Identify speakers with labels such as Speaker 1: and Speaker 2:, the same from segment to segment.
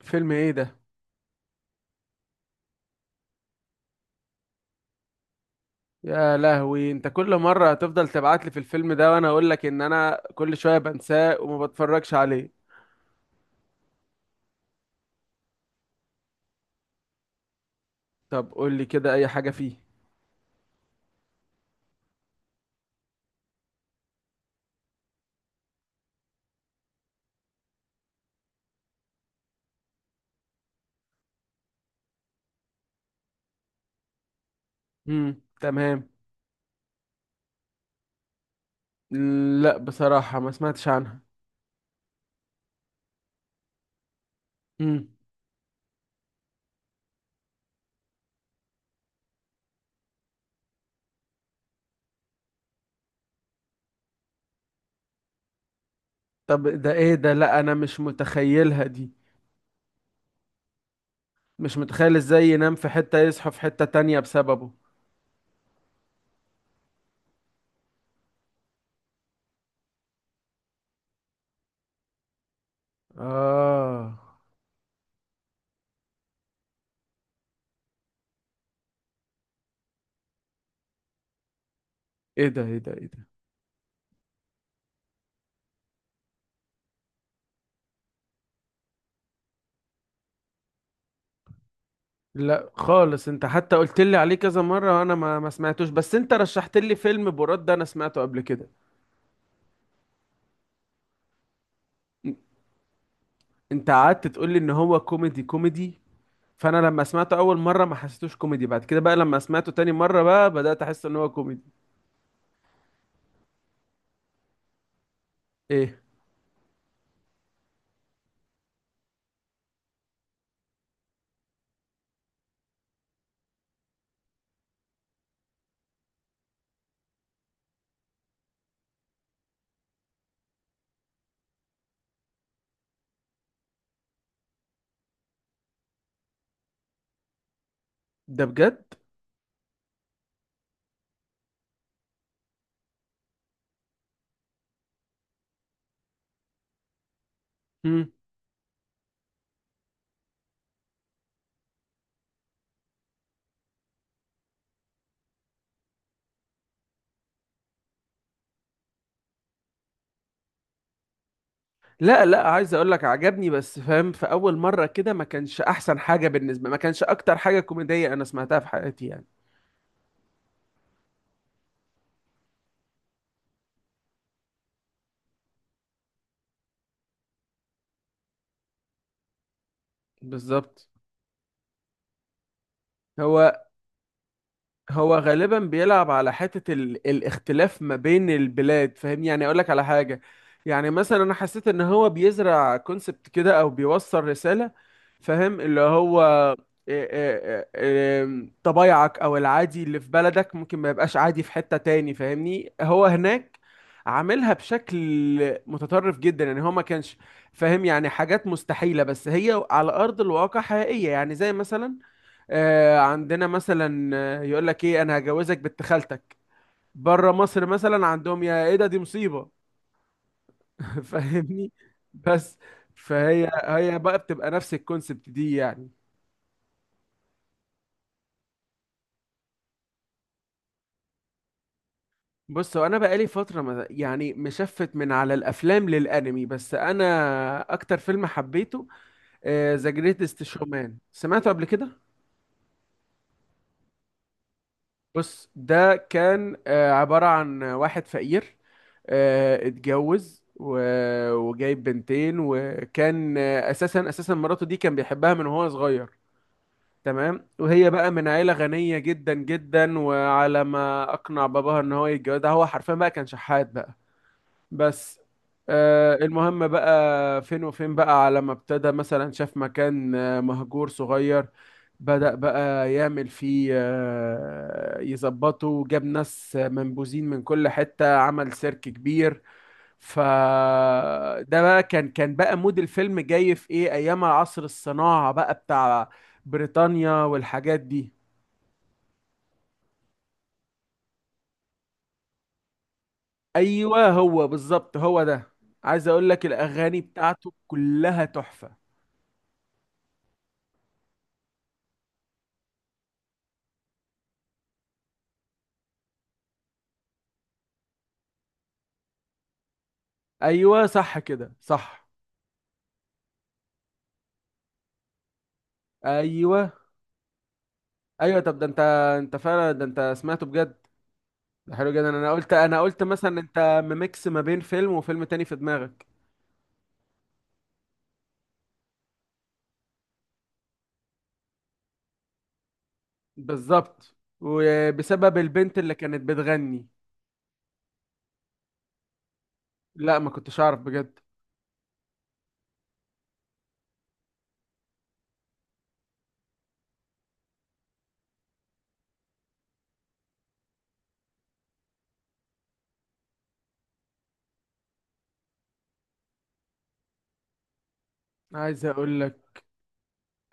Speaker 1: فيلم ايه ده؟ يا لهوي، انت كل مره هتفضل تبعت لي في الفيلم ده وانا اقول لك ان انا كل شويه بنساه وما بتفرجش عليه. طب قول لي كده اي حاجه فيه. تمام. لا بصراحه ما سمعتش عنها. امم طب ده ايه ده؟ لا انا مش متخيلها دي. مش متخيل ازاي ينام في حته يصحى في حته تانية بسببه. اه، ايه ده، ايه ده، ايه ده؟ لا خالص، انت حتى قلت لي عليه كذا مره وانا ما سمعتوش، بس انت رشحت لي فيلم براد ده انا سمعته قبل كده. انت قعدت تقول لي ان هو كوميدي كوميدي، فانا لما سمعته اول مره ما حسيتوش كوميدي، بعد كده بقى لما سمعته تاني مره بقى بدات احس ان هو كوميدي. ايه ده بجد؟ مم. لا لا، عايز اقول لك عجبني، بس فاهم في اول مره كده ما كانش احسن حاجه بالنسبه، ما كانش اكتر حاجه كوميديه انا سمعتها في حياتي يعني. بالظبط. هو هو غالبا بيلعب على حتة الاختلاف ما بين البلاد، فاهمني؟ يعني اقول لك على حاجة. يعني مثلا انا حسيت ان هو بيزرع كونسبت كده او بيوصل رسالة، فاهم؟ اللي هو إيه طبايعك او العادي اللي في بلدك ممكن ما يبقاش عادي في حتة تاني، فاهمني؟ هو هناك عاملها بشكل متطرف جدا، يعني هو ما كانش فاهم، يعني حاجات مستحيلة بس هي على ارض الواقع حقيقية. يعني زي مثلا عندنا مثلا يقول لك ايه، انا هجوزك بنت خالتك. بره مصر مثلا عندهم يا ايه ده، دي مصيبة. فاهمني؟ بس فهي هي بقى بتبقى نفس الكونسبت دي يعني. بص هو انا بقالي فترة يعني مشفت من على الافلام للانمي، بس انا اكتر فيلم حبيته ذا جريتست شومان، سمعته قبل كده؟ بص، ده كان عبارة عن واحد فقير، اتجوز وجايب بنتين، وكان اساسا مراته دي كان بيحبها من وهو صغير. تمام، وهي بقى من عيلة غنية جدا جدا، وعلى ما اقنع باباها ان هو يتجوزها هو حرفيا بقى كان شحات بقى. بس المهم بقى، فين وفين بقى على ما ابتدى مثلا شاف مكان مهجور صغير، بدأ بقى يعمل فيه يظبطه، جاب ناس منبوذين من كل حتة، عمل سيرك كبير. فده بقى كان كان مود الفيلم جاي في ايه، ايام عصر الصناعة بقى بتاع بريطانيا والحاجات دي. ايوه، هو بالظبط، هو ده. عايز اقول لك الاغاني بتاعته كلها تحفة. ايوه صح كده صح. ايوه، ايوه، طب ده انت، انت فعلا ده انت سمعته بجد. ده حلو جدا، انا قلت مثلا انت ميكس ما بين فيلم وفيلم تاني في دماغك. بالظبط، وبسبب البنت اللي كانت بتغني. لا ما كنتش اعرف بجد. عايز اقول لك،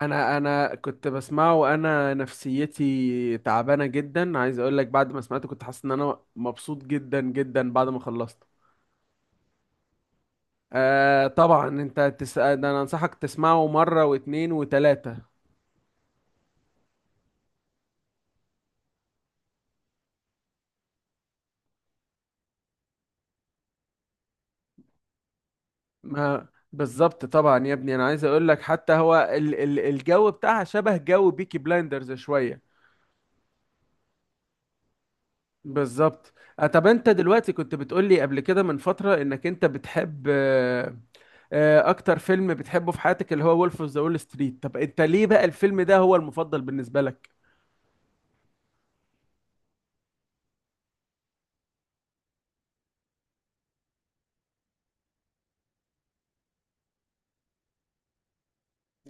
Speaker 1: انا كنت بسمعه وانا نفسيتي تعبانه جدا، عايز اقول لك بعد ما سمعته كنت حاسس ان انا مبسوط جدا جدا بعد ما خلصت. آه طبعا، انت تسأل ده؟ انا انصحك تسمعه مرة واتنين وتلاتة. ما بالظبط. طبعا يا ابني، انا عايز اقول لك حتى هو ال الجو بتاعها شبه جو بيكي بلايندرز شويه. بالظبط. طب انت دلوقتي كنت بتقول لي قبل كده من فتره انك انت بتحب اكتر فيلم بتحبه في حياتك اللي هو وولف اوف ذا وول ستريت، طب انت ليه بقى الفيلم ده هو المفضل بالنسبه لك؟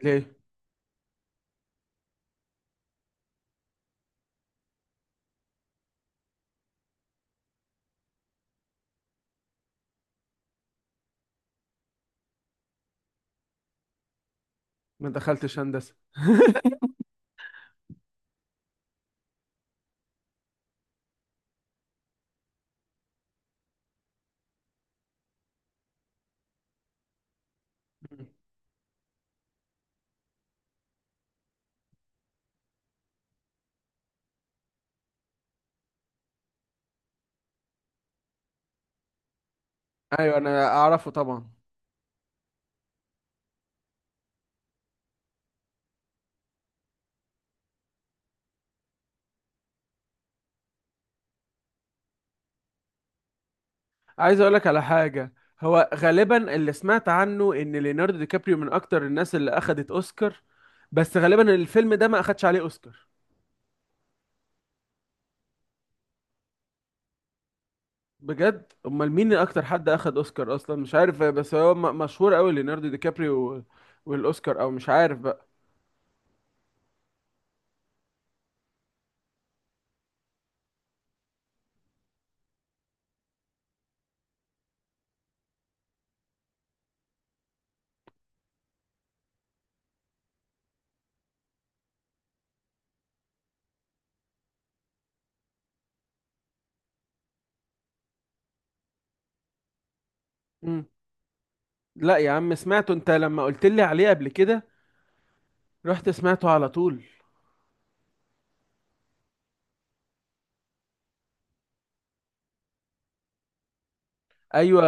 Speaker 1: ليه ما دخلتش هندسه؟ مم. ايوه انا اعرفه طبعا. عايز اقول لك على حاجه. هو غالبا اللي سمعت عنه ان ليوناردو دي كابريو من اكتر الناس اللي اخدت اوسكار، بس غالبا الفيلم ده ما اخدش عليه اوسكار. بجد؟ امال مين اكتر حد اخد اوسكار اصلا مش عارف، بس هو مشهور قوي ليوناردو دي كابريو والاوسكار او مش عارف بقى. مم. لا يا عم، سمعته انت لما قلت لي عليه قبل كده، رحت سمعته على طول. ايوه،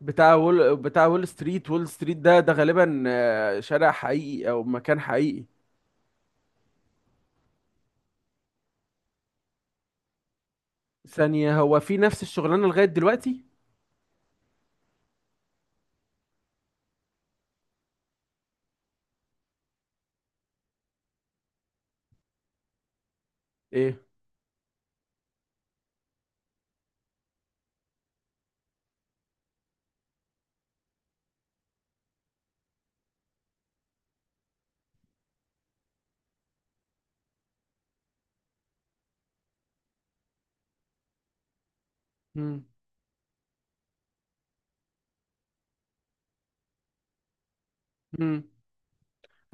Speaker 1: بتاع وول ستريت، وول ستريت ده ده غالبا شارع حقيقي او مكان حقيقي. ثانية، هو في نفس الشغلانة لغاية دلوقتي؟ ايه؟ مم. مم.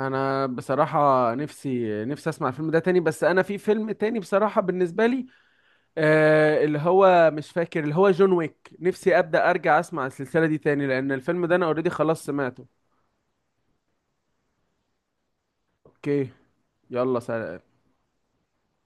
Speaker 1: انا بصراحة نفسي اسمع الفيلم ده تاني، بس انا في فيلم تاني بصراحة بالنسبة لي، آه اللي هو مش فاكر، اللي هو جون ويك، نفسي ابدأ ارجع اسمع السلسلة دي تاني، لان الفيلم ده انا اوريدي خلاص سمعته. اوكي، يلا سلام.